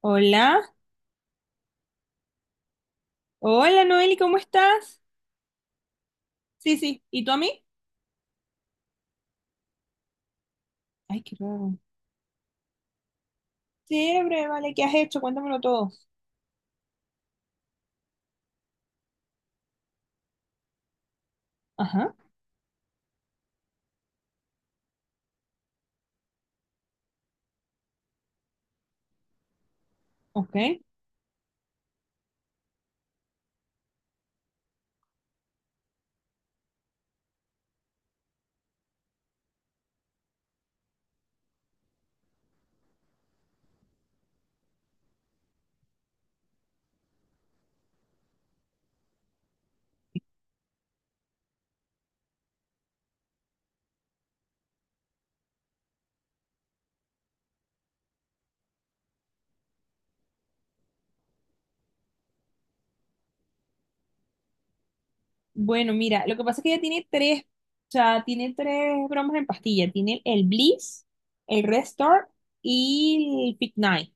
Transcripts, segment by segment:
Hola, hola Noeli, ¿cómo estás? Sí, sí, ¿y tú a mí? Ay, qué raro. Chévere, vale, ¿qué has hecho? Cuéntamelo todo. Ajá, ok. Bueno, mira, lo que pasa es que ella tiene tres, o sea, tiene tres bromas en pastilla. Tiene el Bliss, el Restore y el Fit Night.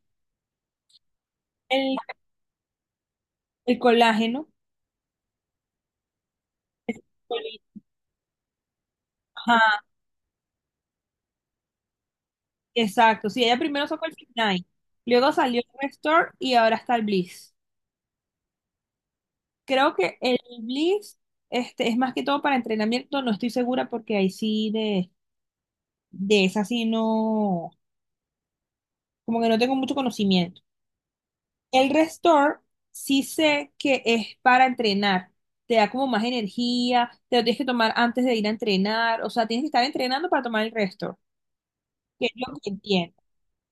El, el colágeno. Ajá, exacto. Sí, ella primero sacó el Fit Night, luego salió el Restore y ahora está el Bliss. Creo que el Blitz este, es más que todo para entrenamiento, no estoy segura porque ahí sí de esa sí no, como que no tengo mucho conocimiento. El Restore sí sé que es para entrenar, te da como más energía, te lo tienes que tomar antes de ir a entrenar, o sea, tienes que estar entrenando para tomar el Restore, que es lo que entiendo.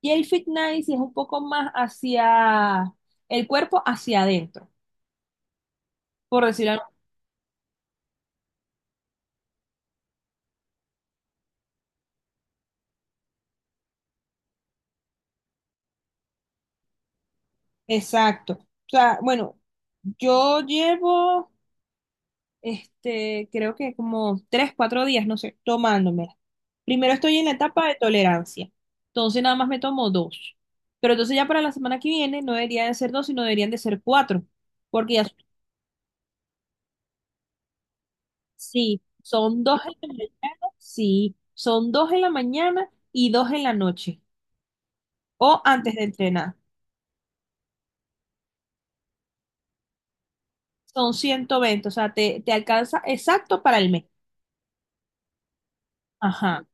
Y el Fit Night sí es un poco más hacia el cuerpo, hacia adentro, por decirlo. Exacto. O sea, bueno, yo llevo este, creo que como tres, cuatro días, no sé, tomándomela. Primero estoy en la etapa de tolerancia, entonces nada más me tomo dos. Pero entonces ya para la semana que viene no deberían de ser dos, sino deberían de ser cuatro, porque ya sí, son dos en la mañana, sí, son dos en la mañana y dos en la noche, o antes de entrenar. Son 120, o sea, te alcanza exacto para el mes. Ajá.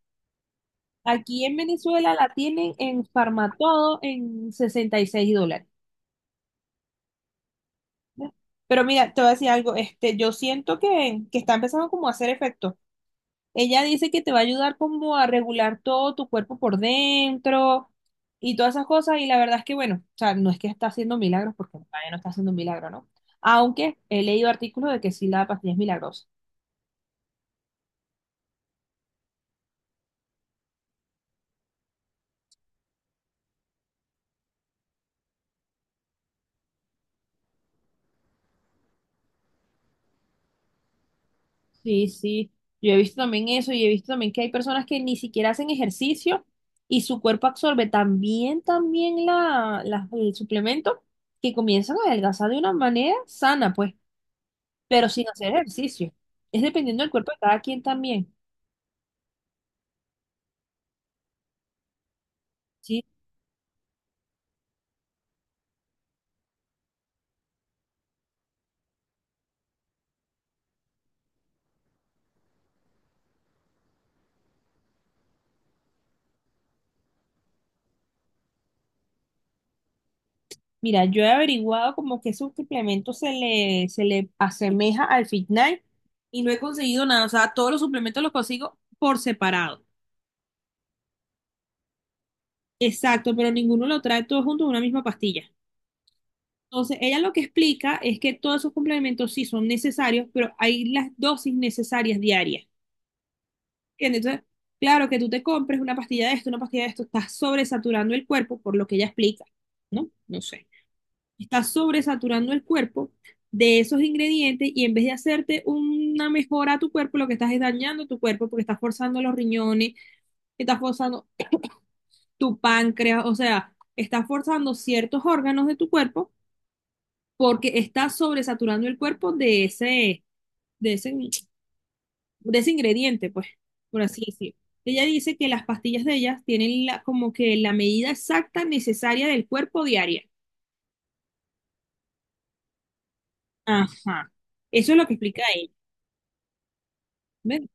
Aquí en Venezuela la tienen en Farmatodo en $66. Pero mira, te voy a decir algo, este, yo siento que está empezando como a hacer efecto. Ella dice que te va a ayudar como a regular todo tu cuerpo por dentro y todas esas cosas. Y la verdad es que, bueno, o sea, no es que está haciendo milagros, porque todavía no está haciendo milagro, ¿no? Aunque he leído artículos de que sí la pastilla es milagrosa. Sí, sí, yo he visto también eso y he visto también que hay personas que ni siquiera hacen ejercicio y su cuerpo absorbe también la, el suplemento que comienzan a adelgazar de una manera sana, pues, pero sin hacer ejercicio. Es dependiendo del cuerpo de cada quien también, ¿sí? Mira, yo he averiguado como que ese suplemento se le asemeja al Fitnight y no he conseguido nada, o sea, todos los suplementos los consigo por separado. Exacto, pero ninguno lo trae todo junto en una misma pastilla. Entonces, ella lo que explica es que todos esos complementos sí son necesarios, pero hay las dosis necesarias diarias. ¿Entiendes? Entonces, claro que tú te compres una pastilla de esto, una pastilla de esto, estás sobresaturando el cuerpo, por lo que ella explica, ¿no? No sé. Estás sobresaturando el cuerpo de esos ingredientes y en vez de hacerte una mejora a tu cuerpo, lo que estás es dañando tu cuerpo porque estás forzando los riñones, estás forzando tu páncreas, o sea, estás forzando ciertos órganos de tu cuerpo porque está sobresaturando el cuerpo de ese, de ese ingrediente, pues, por así decirlo. Ella dice que las pastillas de ellas tienen como que la medida exacta necesaria del cuerpo diaria. Ajá. Eso es lo que explica ella. ¿Ven?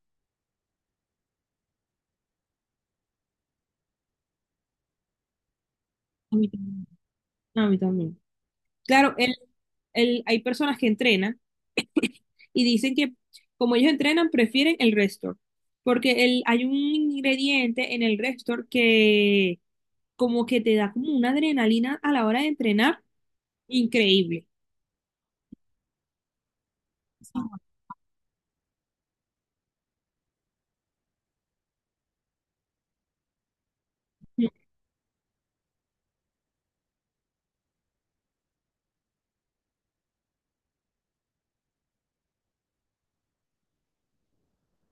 A mí también. A mí también. Claro, hay personas que entrenan y dicen que como ellos entrenan, prefieren el Restor, porque hay un ingrediente en el Restor que como que te da como una adrenalina a la hora de entrenar. Increíble. Ujú,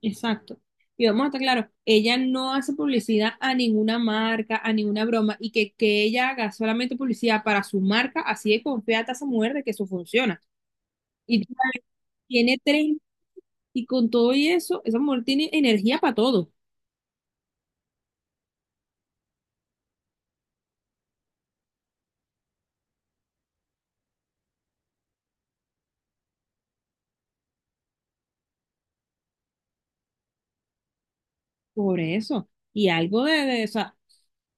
exacto. Y vamos a estar claros, ella no hace publicidad a ninguna marca, a ninguna broma, y que ella haga solamente publicidad para su marca, así de confiada está esa mujer de que eso funciona. Y tiene tres, y con todo y eso, esa mujer tiene energía para todo, por eso. Y algo o sea,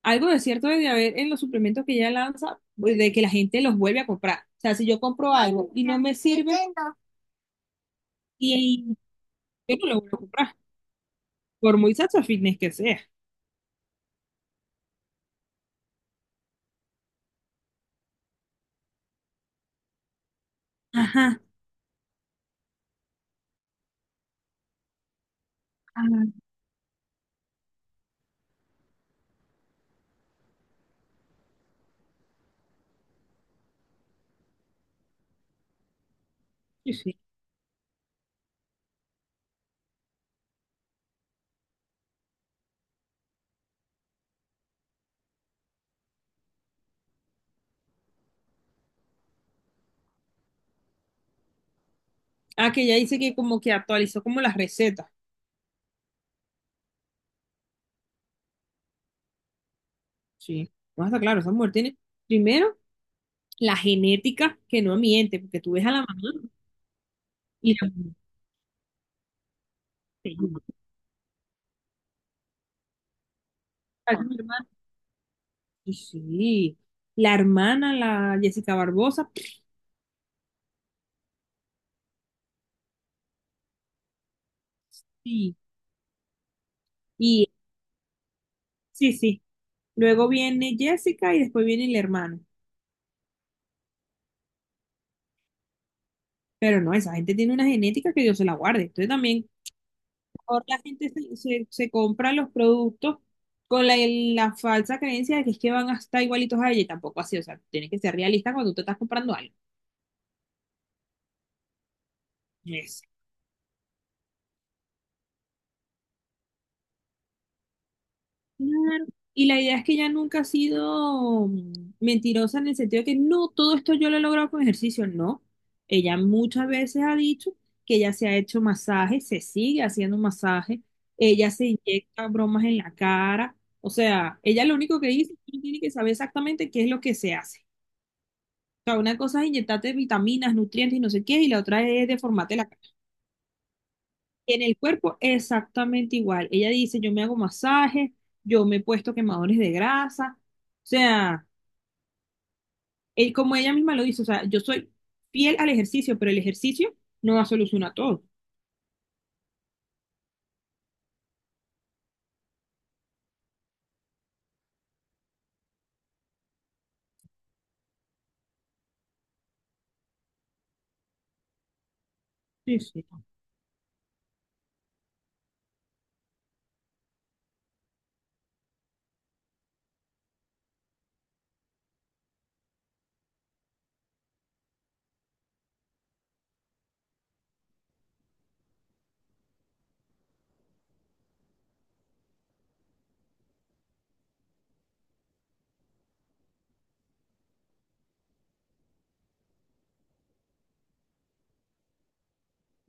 algo de cierto debe haber en los suplementos que ella lanza, pues, de que la gente los vuelve a comprar. O sea, si yo compro algo y no me sirve, y yo no lo vuelvo a comprar, por muy Sacha Fitness que sea. Ajá. Sí, sí. Ah, que ella dice que como que actualizó como las recetas. Sí. No está claro, esa mujer tiene, primero, la genética que no miente, porque tú ves a la mamá y la. Sí. Ah, mi hermana. Sí, sí. La hermana, la Jessica Barbosa. Sí. Y sí, sí. Luego viene Jessica y después viene el hermano. Pero no, esa gente tiene una genética que Dios se la guarde. Entonces también mejor la gente se compra los productos con la falsa creencia de que es que van a estar igualitos a ella y tampoco así, o sea, tienes que ser realista cuando tú te estás comprando algo. Yes. Claro. Y la idea es que ella nunca ha sido mentirosa en el sentido de que no, todo esto yo lo he logrado con ejercicio, no. Ella muchas veces ha dicho que ella se ha hecho masaje, se sigue haciendo masaje, ella se inyecta bromas en la cara, o sea, ella lo único que dice es que no tiene que saber exactamente qué es lo que se hace. Sea, una cosa es inyectarte vitaminas, nutrientes y no sé qué, y la otra es deformarte la cara. En el cuerpo, exactamente igual. Ella dice, yo me hago masajes, yo me he puesto quemadores de grasa. O sea, como ella misma lo dice, o sea, yo soy fiel al ejercicio, pero el ejercicio no va a solucionar todo. Sí, sí.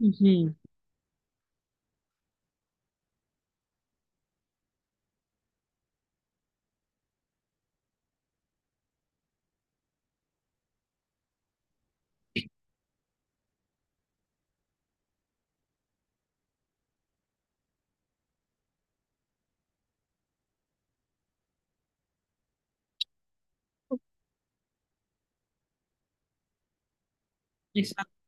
Ujú, exacto.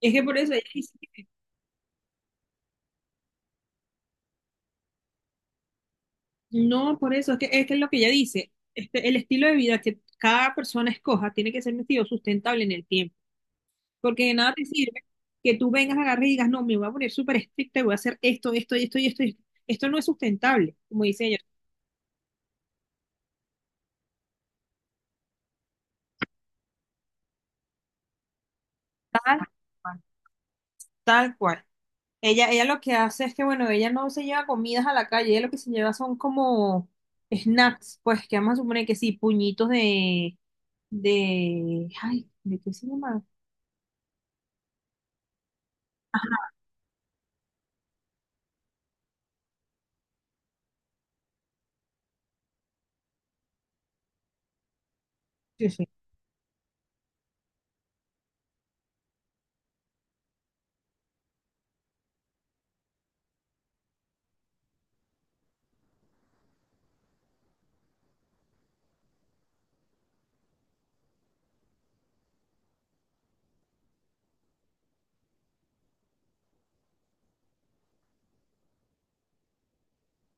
Es que por eso ella dice, no, por eso, es que es lo que ella dice, este, el estilo de vida que cada persona escoja tiene que ser un estilo sustentable en el tiempo. Porque de nada te sirve que tú vengas, agarres y digas, no, me voy a poner súper estricta y voy a hacer esto, esto y esto y esto. Y esto. Esto no es sustentable, como dice ella. Tal cual, tal cual. Ella lo que hace es que, bueno, ella no se lleva comidas a la calle, ella lo que se lleva son como snacks, pues que vamos a suponer que sí, puñitos ay, ¿de qué se llama? Ajá, sí, sí.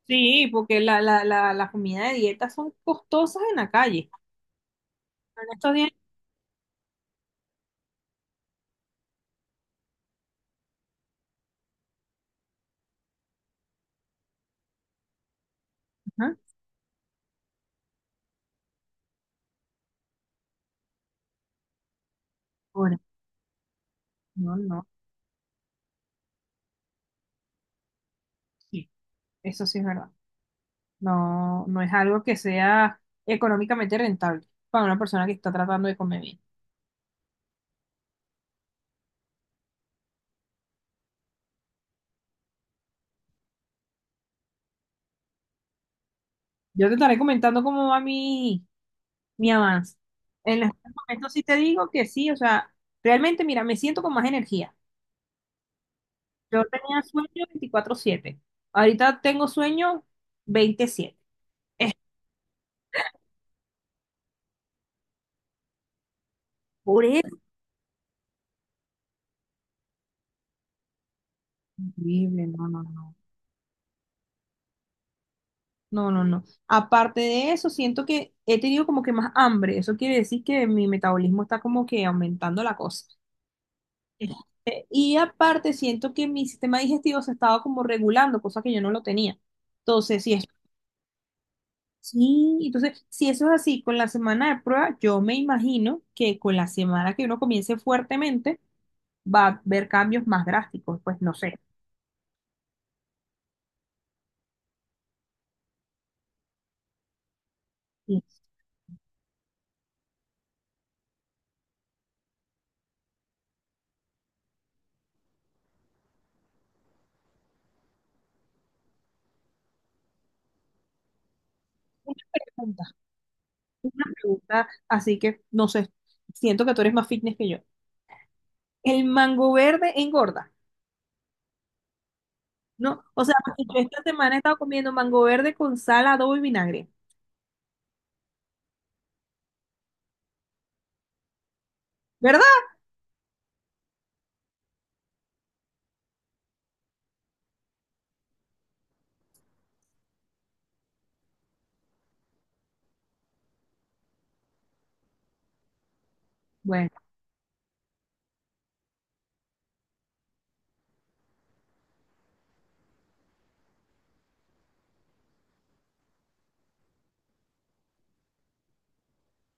Sí, porque la comida de dieta son costosas en la calle. En estos días, ajá, ahora, no, no, sí, eso sí es verdad. No, no es algo que sea económicamente rentable para una persona que está tratando de comer bien. Yo te estaré comentando cómo va mi avance. En estos momentos sí te digo que sí, o sea, realmente, mira, me siento con más energía. Yo tenía sueño 24/7. Ahorita tengo sueño 27. Por eso. Horrible, no, no, no. No, no, no. Aparte de eso, siento que he tenido como que más hambre. Eso quiere decir que mi metabolismo está como que aumentando la cosa. Y aparte siento que mi sistema digestivo se estaba como regulando, cosa que yo no lo tenía. Entonces, si es sí, entonces, si eso es así con la semana de prueba, yo me imagino que con la semana que uno comience fuertemente, va a haber cambios más drásticos, pues no sé. Y tantas preguntas, así que no sé, siento que tú eres más fitness que yo. El mango verde engorda, ¿no? O sea, porque yo esta semana he estado comiendo mango verde con sal, adobo y vinagre, ¿verdad? Bueno,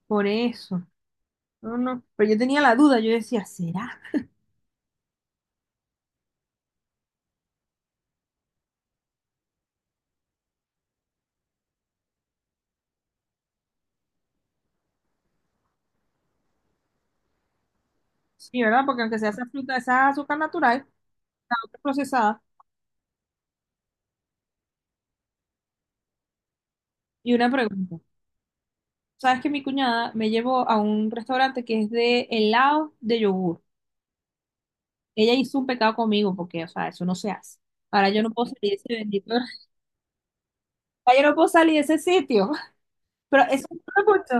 por eso. No, no. Pero yo tenía la duda, yo decía, ¿será? Sí, ¿verdad? Porque aunque sea esa fruta, esa azúcar natural, procesada. Y una pregunta. ¿Sabes que mi cuñada me llevó a un restaurante que es de helado de yogur? Ella hizo un pecado conmigo porque, o sea, eso no se hace. Ahora yo no puedo salir de ese bendito. Ahora yo no puedo salir de ese sitio. Pero eso no me gustó.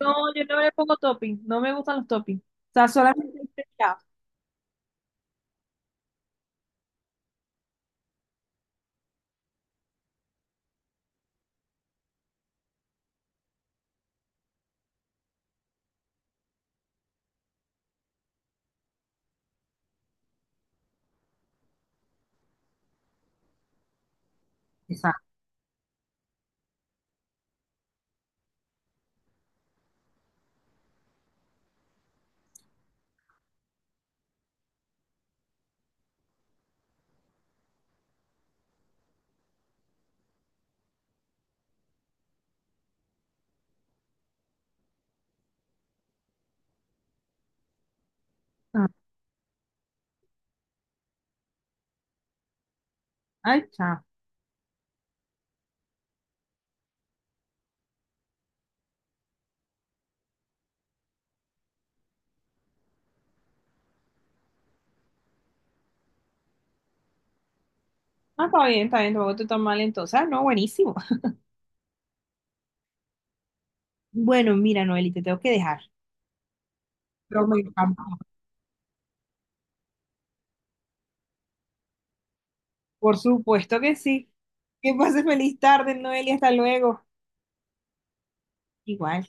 No, yo no le pongo topping. No me gustan los toppings. O sea, solamente el helado. Exacto. Ay, chao. Ah, está bien, está bien. Tampoco te tan mal entonces. Ah, no, buenísimo. Bueno, mira, Noeli, te tengo que dejar. Pero me encantó. Por supuesto que sí. Que pases feliz tarde, Noeli, hasta luego. Igual.